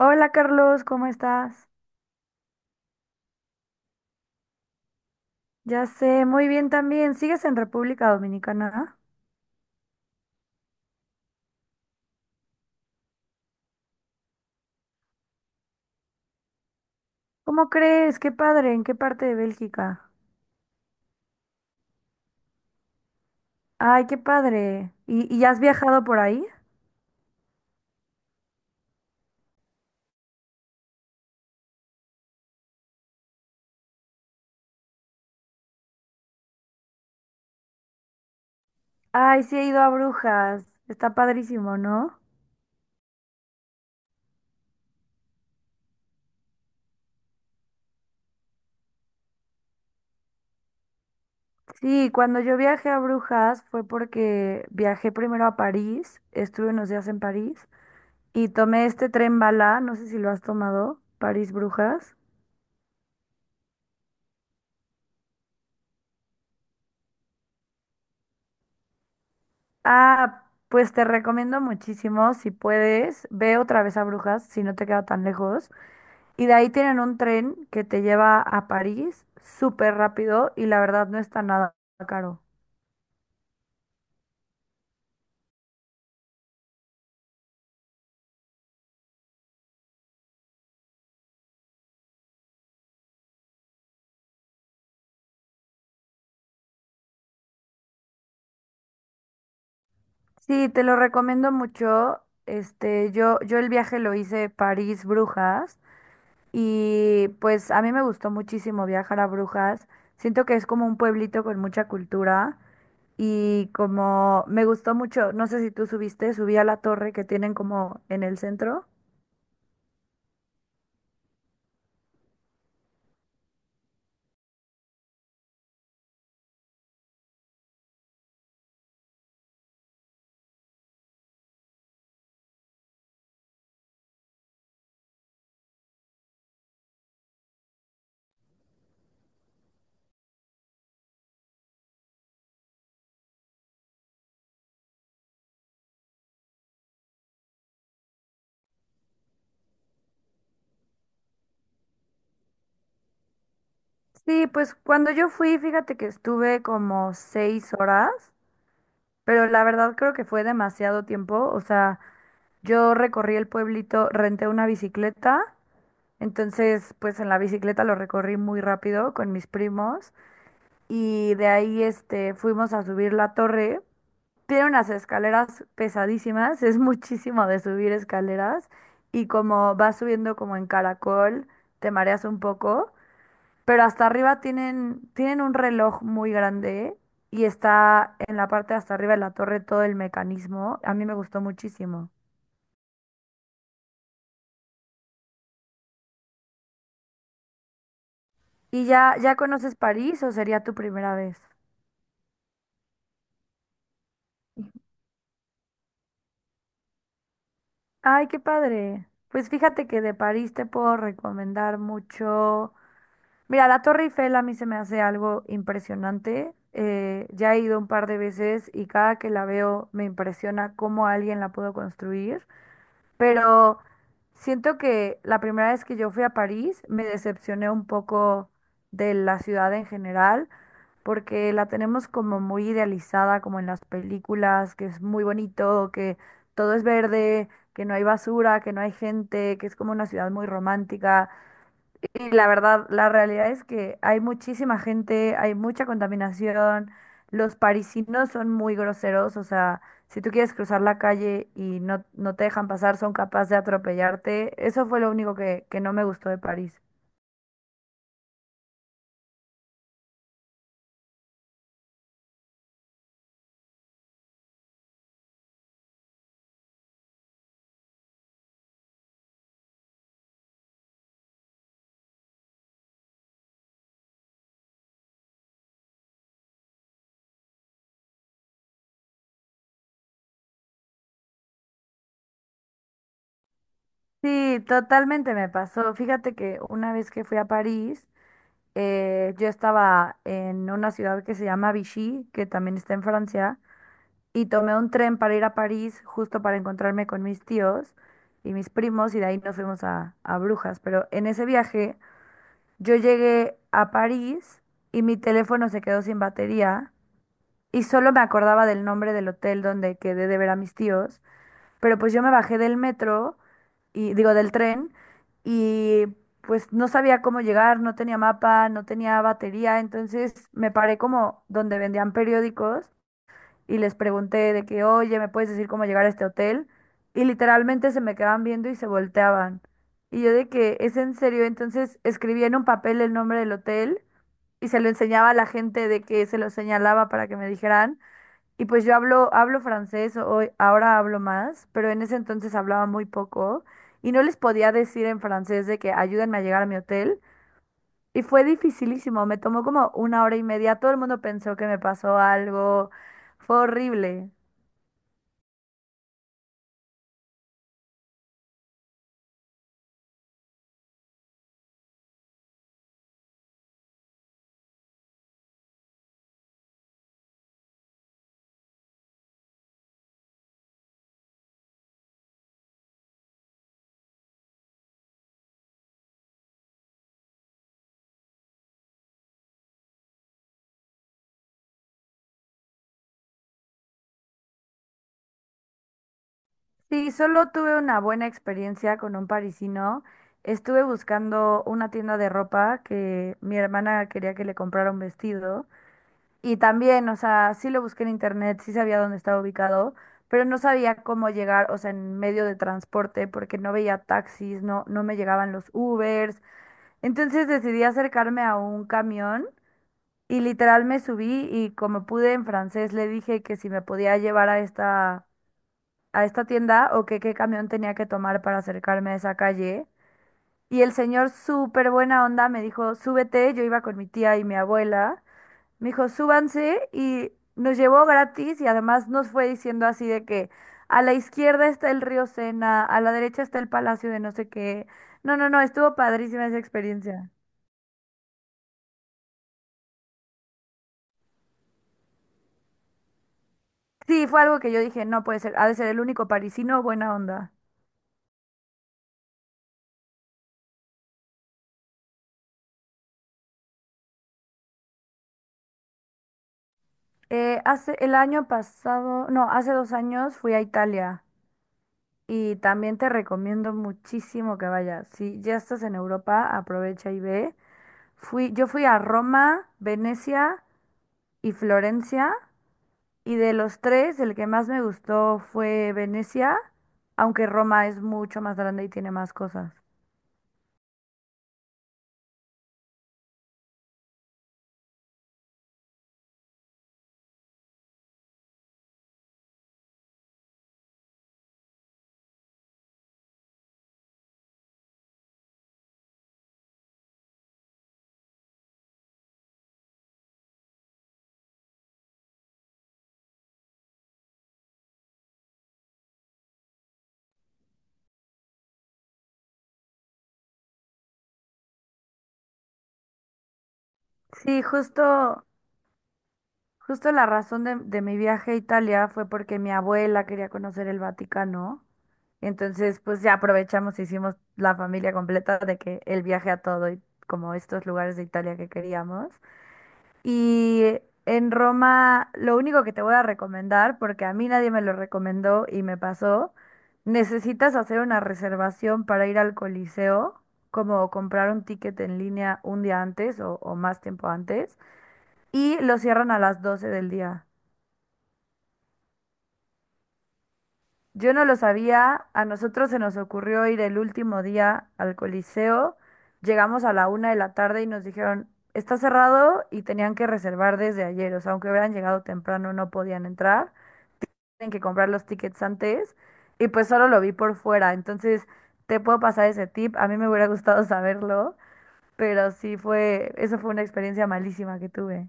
Hola Carlos, ¿cómo estás? Ya sé, muy bien también. ¿Sigues en República Dominicana? ¿Cómo crees? Qué padre, ¿en qué parte de Bélgica? Ay, qué padre. ¿Y has viajado por ahí? Ay, sí he ido a Brujas. Está padrísimo, ¿no? Sí, cuando yo viajé a Brujas fue porque viajé primero a París, estuve unos días en París y tomé este tren bala, no sé si lo has tomado, París-Brujas. Ah, pues te recomiendo muchísimo, si puedes, ve otra vez a Brujas, si no te queda tan lejos. Y de ahí tienen un tren que te lleva a París súper rápido y la verdad no está nada caro. Sí, te lo recomiendo mucho. Este, yo el viaje lo hice París-Brujas y pues a mí me gustó muchísimo viajar a Brujas. Siento que es como un pueblito con mucha cultura. Y como me gustó mucho, no sé si tú subiste, subí a la torre que tienen como en el centro. Sí, pues cuando yo fui, fíjate que estuve como 6 horas, pero la verdad creo que fue demasiado tiempo. O sea, yo recorrí el pueblito, renté una bicicleta, entonces pues en la bicicleta lo recorrí muy rápido con mis primos y de ahí este fuimos a subir la torre. Tiene unas escaleras pesadísimas, es muchísimo de subir escaleras y como vas subiendo como en caracol, te mareas un poco, pero hasta arriba tienen un reloj muy grande y está en la parte de hasta arriba de la torre todo el mecanismo. A mí me gustó muchísimo. ¿Y ya conoces París o sería tu primera vez? Ay, qué padre. Pues fíjate que de París te puedo recomendar mucho. Mira, la Torre Eiffel a mí se me hace algo impresionante. Ya he ido un par de veces y cada que la veo me impresiona cómo alguien la pudo construir. Pero siento que la primera vez que yo fui a París me decepcioné un poco de la ciudad en general, porque la tenemos como muy idealizada, como en las películas, que es muy bonito, que todo es verde, que no hay basura, que no hay gente, que es como una ciudad muy romántica. Y la verdad, la realidad es que hay muchísima gente, hay mucha contaminación, los parisinos son muy groseros, o sea, si tú quieres cruzar la calle y no, no te dejan pasar, son capaces de atropellarte. Eso fue lo único que no me gustó de París. Sí, totalmente me pasó. Fíjate que una vez que fui a París, yo estaba en una ciudad que se llama Vichy, que también está en Francia. Y tomé un tren para ir a París justo para encontrarme con mis tíos y mis primos y de ahí nos fuimos a Brujas. Pero en ese viaje yo llegué a París y mi teléfono se quedó sin batería y solo me acordaba del nombre del hotel donde quedé de ver a mis tíos. Pero pues yo me bajé del metro y digo del tren y pues no sabía cómo llegar, no tenía mapa, no tenía batería, entonces me paré como donde vendían periódicos y les pregunté de que, oye, ¿me puedes decir cómo llegar a este hotel? Y literalmente se me quedaban viendo y se volteaban. Y yo de que, ¿es en serio? Entonces escribía en un papel el nombre del hotel y se lo enseñaba a la gente de que se lo señalaba para que me dijeran. Y pues yo hablo francés, hoy, ahora hablo más, pero en ese entonces hablaba muy poco y no les podía decir en francés de que ayúdenme a llegar a mi hotel. Y fue dificilísimo, me tomó como 1 hora y media, todo el mundo pensó que me pasó algo, fue horrible. Sí, solo tuve una buena experiencia con un parisino. Estuve buscando una tienda de ropa que mi hermana quería que le comprara un vestido. Y también, o sea, sí lo busqué en internet, sí sabía dónde estaba ubicado, pero no sabía cómo llegar, o sea, en medio de transporte, porque no veía taxis, no, no me llegaban los Ubers. Entonces decidí acercarme a un camión y literal me subí y como pude en francés le dije que si me podía llevar a esta tienda o que qué camión tenía que tomar para acercarme a esa calle. Y el señor, súper buena onda, me dijo, súbete, yo iba con mi tía y mi abuela, me dijo, súbanse y nos llevó gratis y además nos fue diciendo así de que a la izquierda está el río Sena, a la derecha está el palacio de no sé qué. No, no, no, estuvo padrísima esa experiencia. Sí, fue algo que yo dije, no puede ser, ha de ser el único parisino buena onda. Hace el año pasado, no, hace 2 años fui a Italia. Y también te recomiendo muchísimo que vayas. Si ya estás en Europa, aprovecha y ve. Fui, yo fui a Roma, Venecia y Florencia, y de los tres, el que más me gustó fue Venecia, aunque Roma es mucho más grande y tiene más cosas. Sí, justo la razón de mi viaje a Italia fue porque mi abuela quería conocer el Vaticano. Entonces, pues ya aprovechamos, hicimos la familia completa de que el viaje a todo y como estos lugares de Italia que queríamos. Y en Roma, lo único que te voy a recomendar, porque a mí nadie me lo recomendó y me pasó, necesitas hacer una reservación para ir al Coliseo, como comprar un ticket en línea un día antes o más tiempo antes, y lo cierran a las 12 del día. Yo no lo sabía, a nosotros se nos ocurrió ir el último día al Coliseo, llegamos a la 1 de la tarde y nos dijeron, está cerrado y tenían que reservar desde ayer, o sea, aunque hubieran llegado temprano no podían entrar, tienen que comprar los tickets antes y pues solo lo vi por fuera, entonces te puedo pasar ese tip, a mí me hubiera gustado saberlo, pero sí fue, eso fue una experiencia malísima que tuve.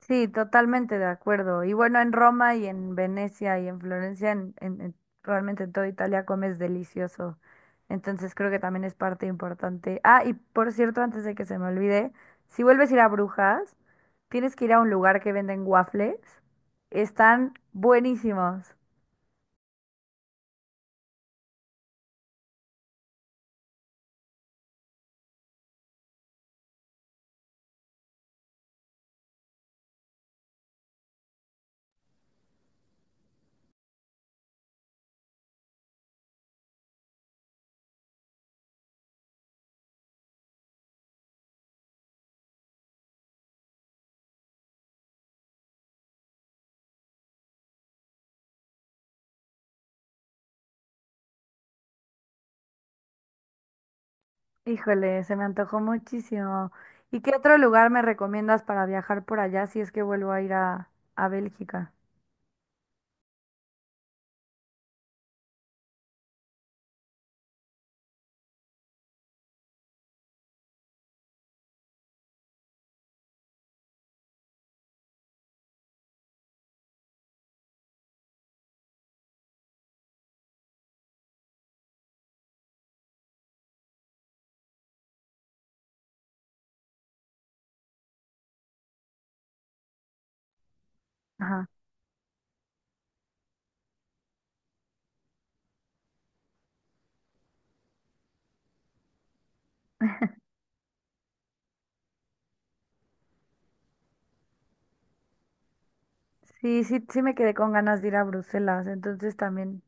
Sí, totalmente de acuerdo. Y bueno, en Roma y en Venecia y en Florencia, realmente en toda Italia comes delicioso. Entonces creo que también es parte importante. Ah, y por cierto, antes de que se me olvide, si vuelves a ir a Brujas, tienes que ir a un lugar que venden waffles. Están buenísimos. Híjole, se me antojó muchísimo. ¿Y qué otro lugar me recomiendas para viajar por allá si es que vuelvo a ir a Bélgica? Ajá. Sí, sí, sí me quedé con ganas de ir a Bruselas, entonces también,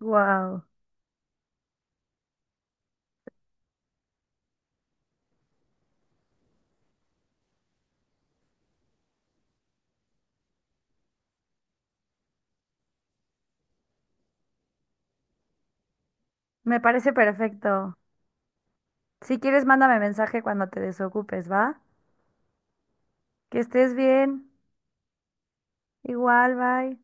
wow, me parece perfecto. Si quieres, mándame mensaje cuando te desocupes, ¿va? Que estés bien, igual, bye.